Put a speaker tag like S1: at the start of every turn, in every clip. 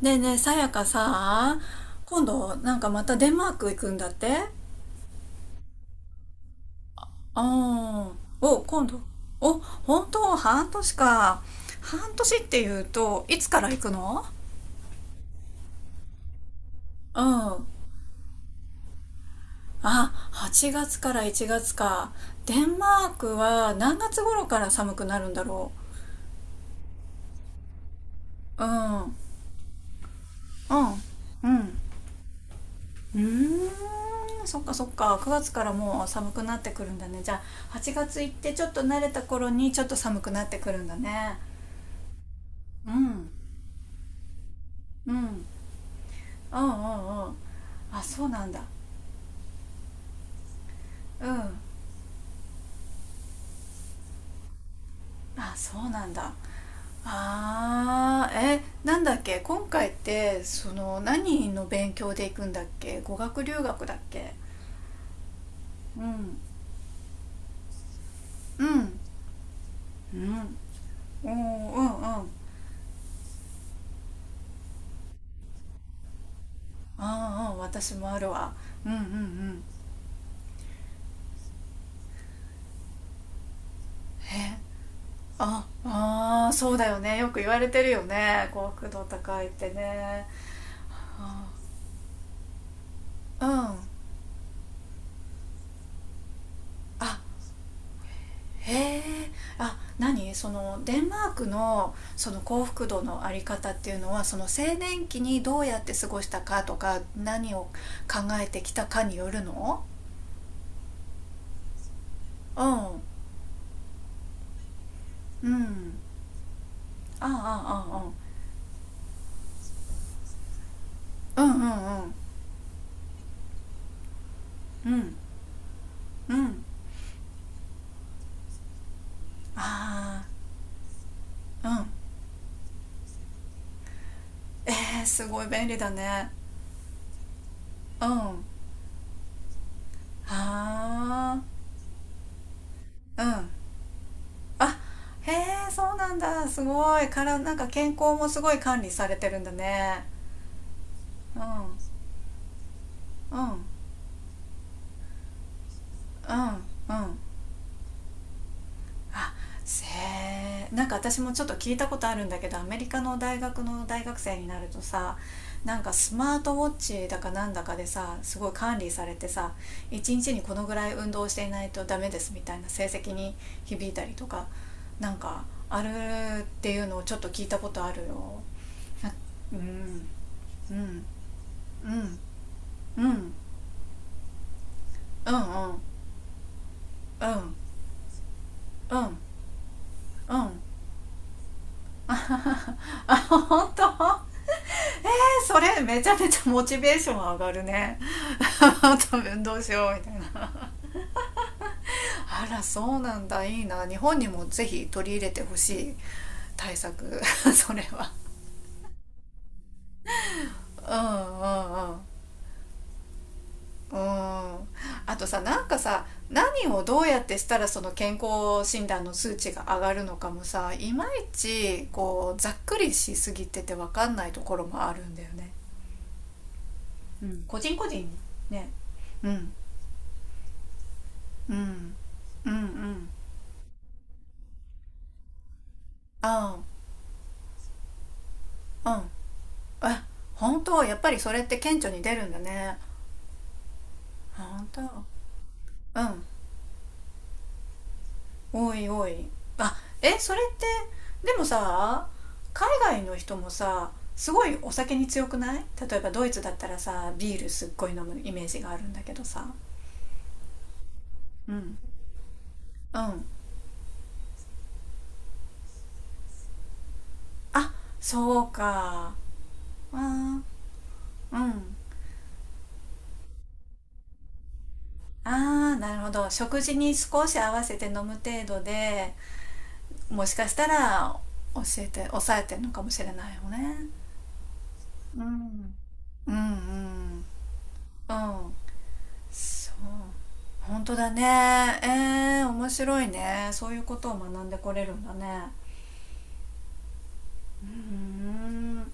S1: ねえねえ、さやかさ、今度、なんかまたデンマーク行くんだってあお、今度。お、本当、半年か。半年っていうと、いつから行くの？うん。あ、8月から1月か。デンマークは何月頃から寒くなるんだろう。うん。うん。うん。うーん、そっかそっか。9月からもう寒くなってくるんだね。じゃあ、8月行ってちょっと慣れた頃にちょっと寒くなってくるんだね。うん、うん、うん、うん、うん。あ、そうなんだ。うん。あ、そうなんだ。あーえなんだっけ、今回って何の勉強で行くんだっけ？語学留学だっけ？うん、うん、うん。おー、うん、うん。あー、うん、私もあるわ。うん、うん、うん。え、ああー、そうだよね、よく言われてるよね、幸福度高いってね。あー、うん。あ、へえ。あ、何？そのデンマークのその幸福度のあり方っていうのは、その青年期にどうやって過ごしたかとか、何を考えてきたかによるの？うん、うん。ああ、ああ、ああ、うん、うん、うん、うん、うん。ああ、うん。えすごい便利だね。うん。ああ、うん。あ、へえ、そうなんだ。すごい、から、なんか健康もすごい管理されてるんだね。うん、うん、うん、うん。あ、せなんか私もちょっと聞いたことあるんだけど、アメリカの大学の大学生になるとさ、なんかスマートウォッチだかなんだかでさ、すごい管理されてさ、一日にこのぐらい運動していないとダメですみたいな、成績に響いたりとか、なんかある、っていうのをちょっと聞いたことあるよ。あ、うん、うん、うん、うん、うん、うん、うん、うん、うん。あ、本当？それめちゃめちゃモチベーション上がるね。 多分、どうしようみたいな。 あら、そうなんだ、いいな、日本にもぜひ取り入れてほしい対策、 それは。うん、うん、うん、うん。あとさ、なんかさ、何をどうやってしたらその健康診断の数値が上がるのかもさ、いまいち、ざっくりしすぎてて分かんないところもあるんだよね。うん、個人個人ね。うん、うん、うん、うん。ああ、うん。え、本当？やっぱりそれって顕著に出るんだね。本当？うん。おいおい。あ、え、それって。でもさ、海外の人もさ、すごいお酒に強くない？例えばドイツだったらさ、ビールすっごい飲むイメージがあるんだけどさ。うん、うん。あ、そうか。あー、うん。あー、なるほど、食事に少し合わせて飲む程度で、もしかしたら、教えて抑えてるのかもしれないよね。うん、うん、うん、うん、そう、本当だね。面白いね、そういうことを学んでこれるんだね。うん。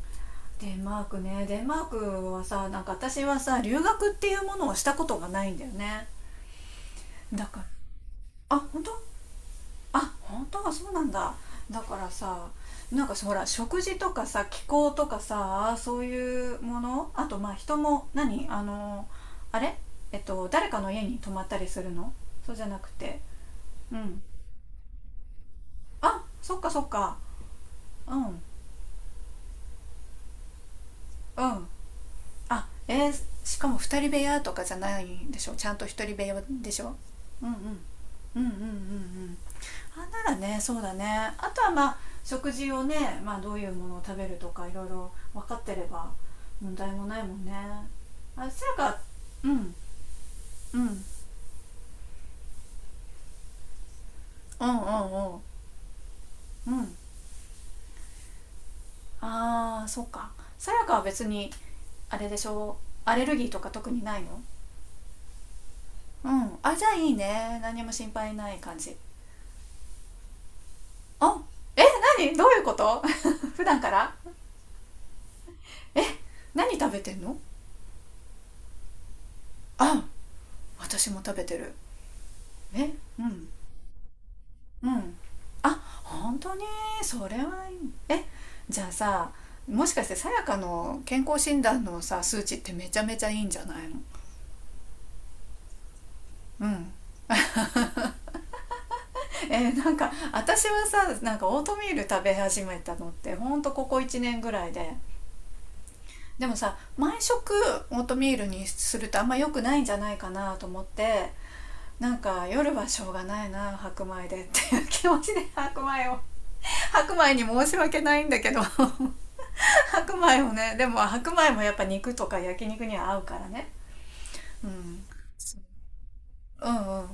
S1: デンマークね、デンマークはさ、なんか私はさ、留学っていうものをしたことがないんだよね。だから、あ、本当？あ、本当はそうなんだ。だからさ、なんかほら、食事とかさ、気候とかさ、そういうもの、あと、まあ人も。何、あのあれえっと誰かの家に泊まったりするの？そうじゃなくて。うん。あ、そっかそっか。うん、うん。あ、しかも二人部屋とかじゃないんでしょ、ちゃんと一人部屋でしょ？うん、うん、うん、うん、うん、うん。あ、ならね、そうだね。あとはまあ、食事をね、まあ、どういうものを食べるとかいろいろ分かってれば問題もないもんね。あ、さやか。うん、うん、うん、うん、うん、うん。ああー、そうか。さやかは別に、あれでしょう、アレルギーとか特にないの？うん。あ、じゃあいいね、何も心配ない感じ。あ、え、何、どういうこと？ 普段から？え、何食べてんの？あ、私も食べてる。え、うん、うん。あ、本当に？それはいい。え、じゃあさ、もしかしてさやかの健康診断のさ、数値ってめちゃめちゃいいんじゃないの？うん。なんか私はさ、なんかオートミール食べ始めたのってほんとここ1年ぐらいで、でもさ、毎食オートミールにするとあんま良くないんじゃないかなと思って、なんか夜はしょうがないな、白米でっていう気持ちで白米に申し訳ないんだけど。 白米もね、でも白米もやっぱ肉とか焼肉には合うからね。うん、うん、うん、うん、うん。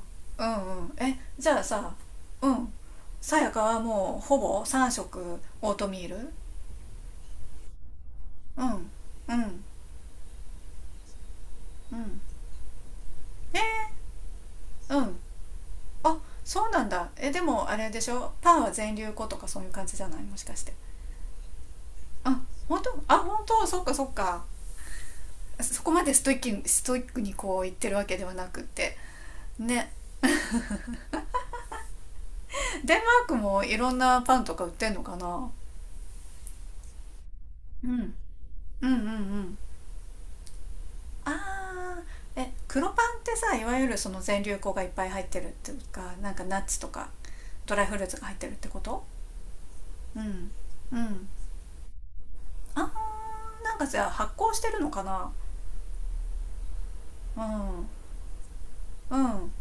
S1: え、じゃあさ。うん、さやかはもうほぼ3食オートミール？うん、うん、うん。えうん。あ、そうなんだ。え、でもあれでしょ、パンは全粒粉とかそういう感じじゃない、もしかして。あ、本当？あ、本当？そっかそっか。そこまでストイックに、ストイックにこう言ってるわけではなくってね。デンマークもいろんなパンとか売ってんのかな。うん、うん、うん、うん。あーえ黒パンってさ、いわゆるその全粒粉がいっぱい入ってるっていうか、なんかナッツとかドライフルーツが入ってるってこと？うん、うん。あー、なんかじゃあ発酵してるのかな。うん、うん、うん、うん。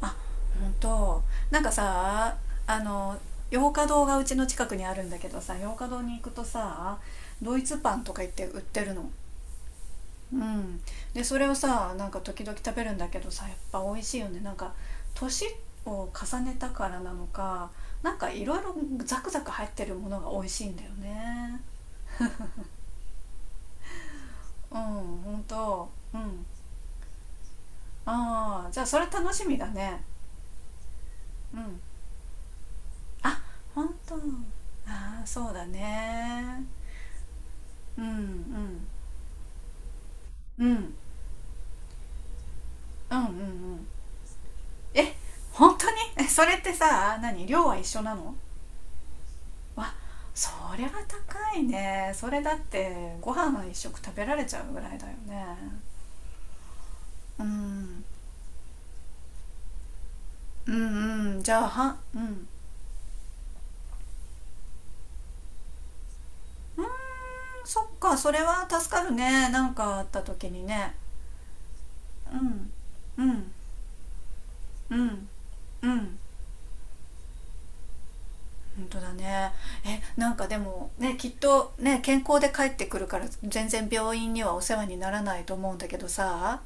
S1: あ、ほんと。なんかさ、あの洋華堂がうちの近くにあるんだけどさ、洋華堂に行くとさ、ドイツパンとか言って売ってるの。うん。でそれをさ、なんか時々食べるんだけどさ、やっぱ美味しいよね、なんか年を重ねたからなのか、なんかいろいろザクザク入ってるものが美味しいんだよね。うん、ほんと、うん。ああ、じゃあそれ楽しみだね。うん。あ、本当。ああー、そうだね。うん、うん、うん、うん、うん、うん。え、本当に？え、 それってさ、何、量は一緒なの？わ、そりゃ高いね、それだってご飯が一食食べられちゃうぐらいだよね。うん、うん、うん。じゃあは、うん、うーん。そっか、それは助かるね、なんかあった時にね。うん、うん、うん、うん。本当だね。え、なんかでもね、きっとね、健康で帰ってくるから、全然病院にはお世話にならないと思うんだけどさ、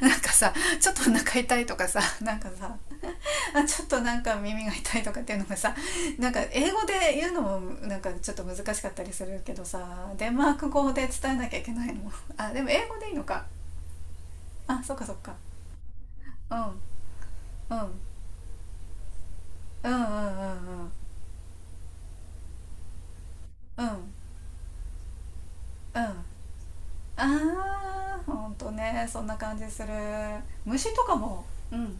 S1: なんかさ、ちょっとお腹痛いとかさ、なんかさ、 あ、ちょっとなんか耳が痛いとかっていうのがさ、なんか英語で言うのもなんかちょっと難しかったりするけどさ、デンマーク語で伝えなきゃいけないの？ あ、でも英語でいいのか。あ、そっかそっか。うん、うん、うん、うん、うん、うん、うん、うん。あー、ほんとね、そんな感じする。虫とかも。うん、うん。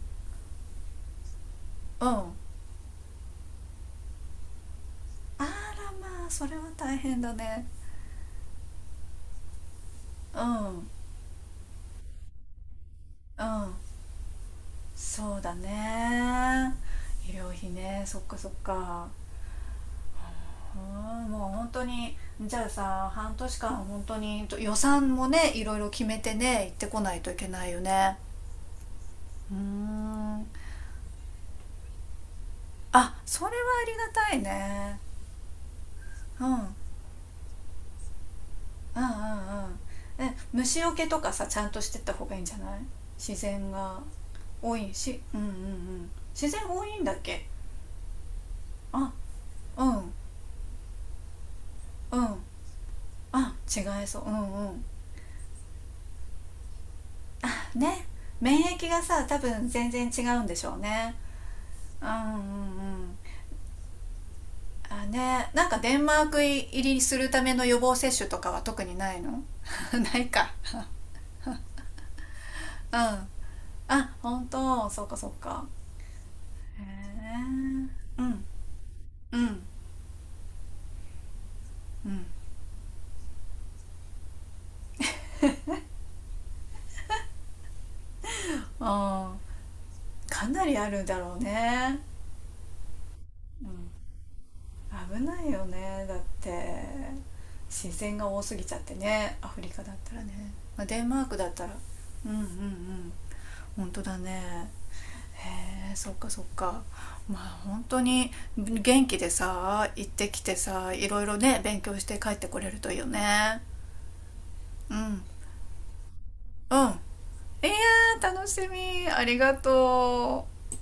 S1: あら、まあそれは大変だね。うん、うん、そうだね。医療費ね、そっかそっか。うん、もう本当に、じゃあさ、半年間本当に予算もね、いろいろ決めてね、行ってこないといけないよね。うーん。あ、それはありがたいね。うん、うん、うん、うん。え、虫除けとかさ、ちゃんとしてった方がいいんじゃない？自然が多いし。うん、うん、うん。自然多いんだっけ？あ、うん、うん。あ、違いそう。うん、うん、ね、免疫がさ、多分全然違うんでしょうね。うん、うん、うん。あね、なんかデンマーク入りするための予防接種とかは特にないの？ ないか。うん。あ、本当、そうかそうか。へえ、うん、うん、うん。あー、かなりあるだろうね。うん、危ないよね、だって自然が多すぎちゃってね、アフリカだったらね。まあ、デンマークだったら。うん、うん、うん。本当だね。へえ、そっかそっか。まあ本当に、元気でさ、行ってきてさ、いろいろね、勉強して帰ってこれるといいよね。うん、うん、いやー、楽しみ、ありがとう。